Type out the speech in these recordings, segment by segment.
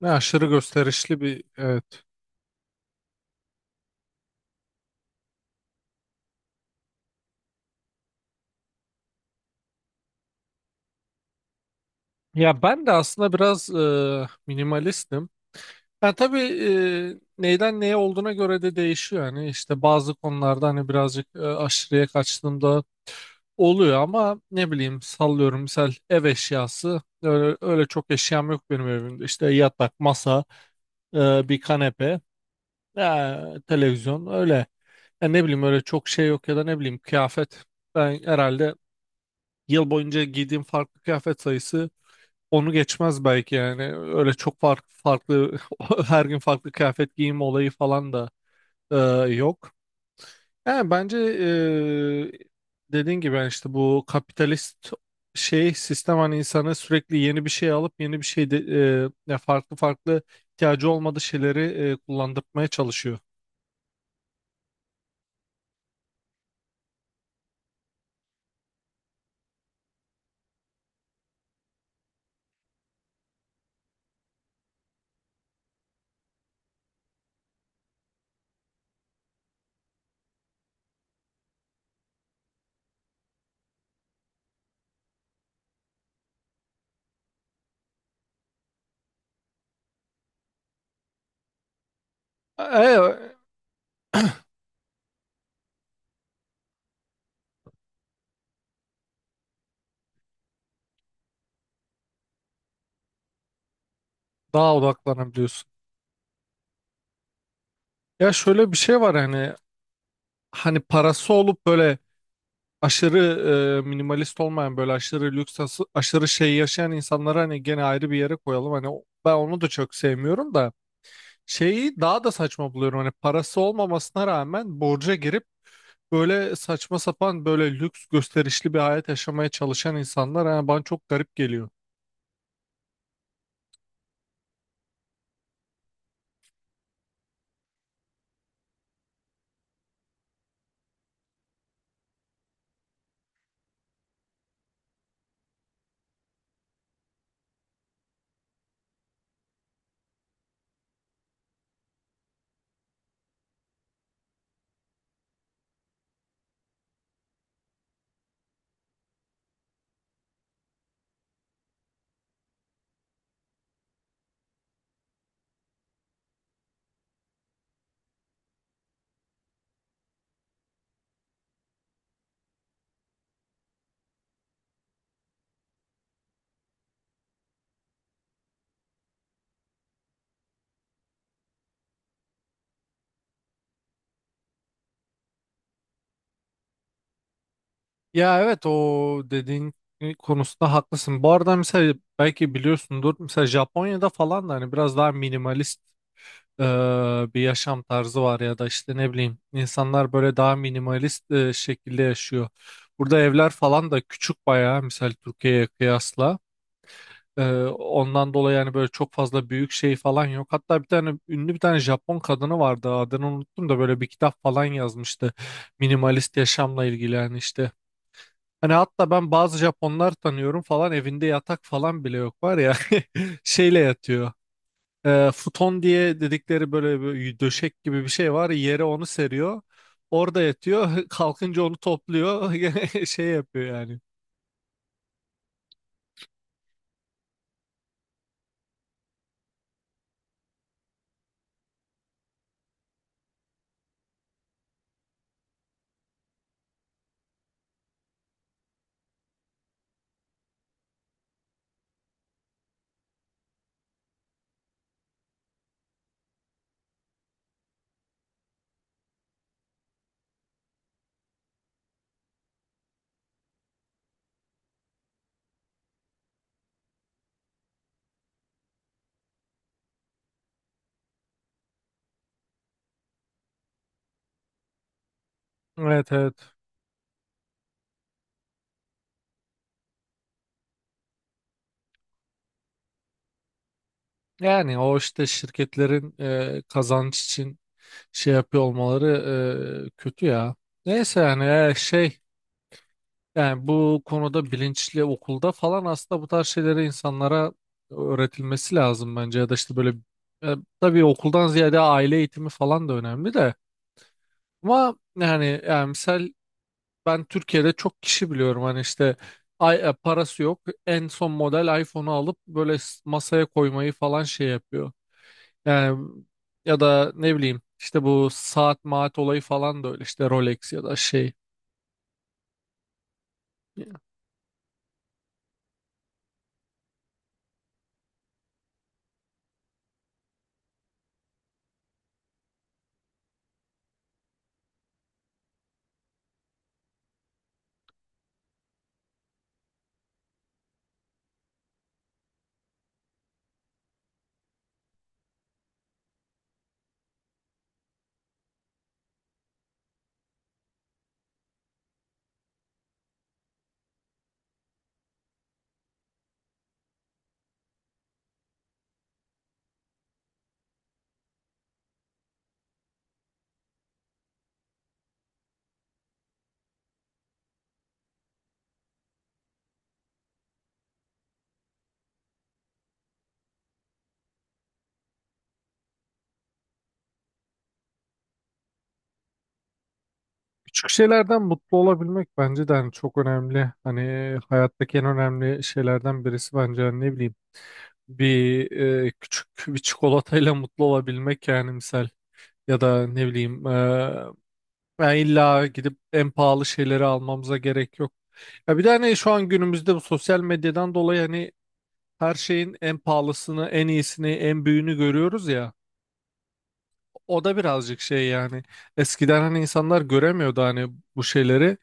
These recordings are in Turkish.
Ne aşırı gösterişli bir evet. Ya ben de aslında biraz minimalistim. Ya tabii neyden neye olduğuna göre de değişiyor. Yani işte bazı konularda hani birazcık aşırıya kaçtığımda oluyor ama ne bileyim sallıyorum misal ev eşyası öyle çok eşyam yok benim evimde. İşte yatak, masa, bir kanepe, e, televizyon öyle. Ya ne bileyim öyle çok şey yok ya da ne bileyim kıyafet. Ben herhalde yıl boyunca giydiğim farklı kıyafet sayısı onu geçmez belki yani. Öyle çok farklı farklı her gün farklı kıyafet giyim olayı falan da e, yok. Yani bence dediğin gibi yani işte bu kapitalist şey sistem hani insanı sürekli yeni bir şey alıp yeni bir şey de, ya farklı farklı ihtiyacı olmadığı şeyleri kullandırmaya çalışıyor. E, e, Daha odaklanabiliyorsun. Ya şöyle bir şey var hani parası olup böyle aşırı minimalist olmayan böyle aşırı lüks aşırı şey yaşayan insanları hani gene ayrı bir yere koyalım. Hani ben onu da çok sevmiyorum da şeyi daha da saçma buluyorum. Hani parası olmamasına rağmen borca girip böyle saçma sapan böyle lüks gösterişli bir hayat yaşamaya çalışan insanlar yani bana çok garip geliyor. Ya evet o dediğin konusunda haklısın. Bu arada mesela belki biliyorsundur mesela Japonya'da falan da hani biraz daha minimalist bir yaşam tarzı var ya da işte ne bileyim insanlar böyle daha minimalist şekilde yaşıyor. Burada evler falan da küçük bayağı misal Türkiye'ye kıyasla. Ondan dolayı yani böyle çok fazla büyük şey falan yok. Hatta bir tane ünlü bir tane Japon kadını vardı adını unuttum da böyle bir kitap falan yazmıştı. Minimalist yaşamla ilgili yani işte. Hani hatta ben bazı Japonlar tanıyorum falan evinde yatak falan bile yok var ya şeyle yatıyor futon diye dedikleri böyle bir döşek gibi bir şey var. Yere onu seriyor. Orada yatıyor. Kalkınca onu topluyor. Gene şey yapıyor yani. Evet, evet. Yani o işte şirketlerin kazanç için şey yapıyor olmaları kötü ya. Neyse yani şey yani bu konuda bilinçli okulda falan aslında bu tarz şeyleri insanlara öğretilmesi lazım bence ya da işte böyle e, tabii okuldan ziyade aile eğitimi falan da önemli de. Ama yani misal ben Türkiye'de çok kişi biliyorum hani işte ay, parası yok en son model iPhone'u alıp böyle masaya koymayı falan şey yapıyor. Yani ya da ne bileyim işte bu saat maat olayı falan da öyle işte Rolex ya da şey. Küçük şeylerden mutlu olabilmek bence de hani çok önemli. Hani hayattaki en önemli şeylerden birisi bence hani ne bileyim bir küçük bir çikolatayla mutlu olabilmek yani misal ya da ne bileyim yani illa gidip en pahalı şeyleri almamıza gerek yok. Ya bir de hani şu an günümüzde bu sosyal medyadan dolayı hani her şeyin en pahalısını, en iyisini, en büyüğünü görüyoruz ya. O da birazcık şey yani eskiden hani insanlar göremiyordu hani bu şeyleri.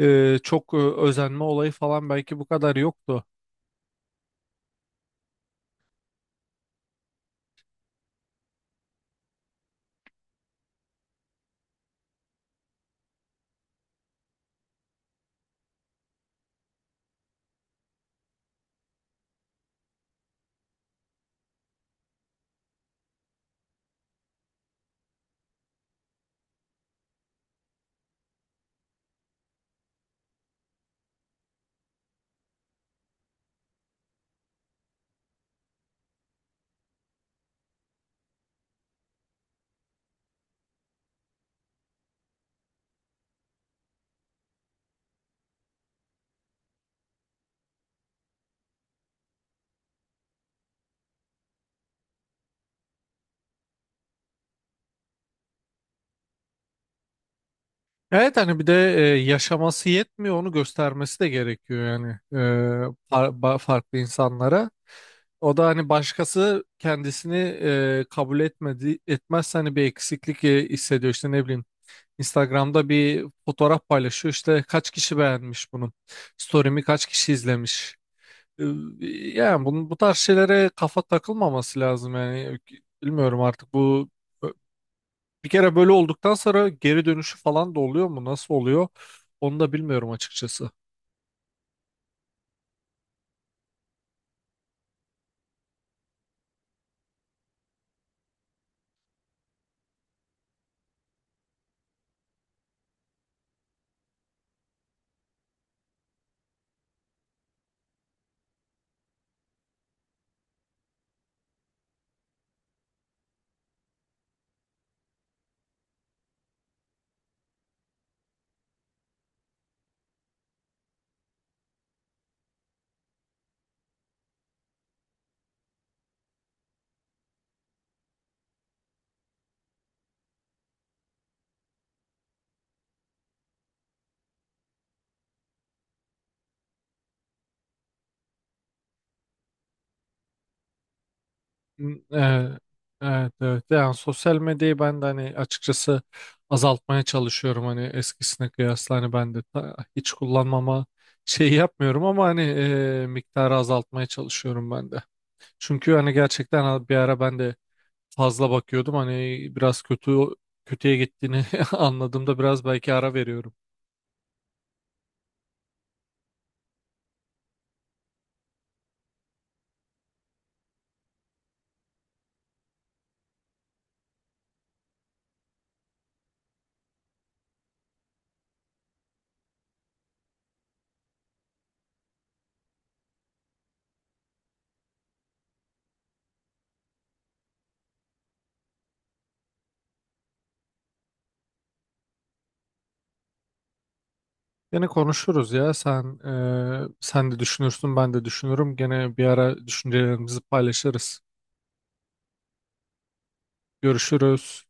Çok özenme olayı falan belki bu kadar yoktu. Evet hani bir de yaşaması yetmiyor onu göstermesi de gerekiyor yani farklı insanlara. O da hani başkası kendisini kabul etmezse hani bir eksiklik hissediyor işte ne bileyim. Instagram'da bir fotoğraf paylaşıyor işte kaç kişi beğenmiş bunu. Story'mi kaç kişi izlemiş. Ee, Yani bu tarz şeylere kafa takılmaması lazım yani bilmiyorum artık bu bir kere böyle olduktan sonra geri dönüşü falan da oluyor mu nasıl oluyor onu da bilmiyorum açıkçası. Hmm. Evet, evet yani sosyal medyayı ben de hani açıkçası azaltmaya çalışıyorum hani eskisine kıyasla hani ben de hiç kullanmama şey yapmıyorum ama hani miktarı azaltmaya çalışıyorum ben de. Çünkü hani gerçekten bir ara ben de fazla bakıyordum. Hani biraz kötüye gittiğini anladığımda biraz belki ara veriyorum. Gene konuşuruz ya. Sen de düşünürsün, ben de düşünürüm. Gene bir ara düşüncelerimizi paylaşırız. Görüşürüz.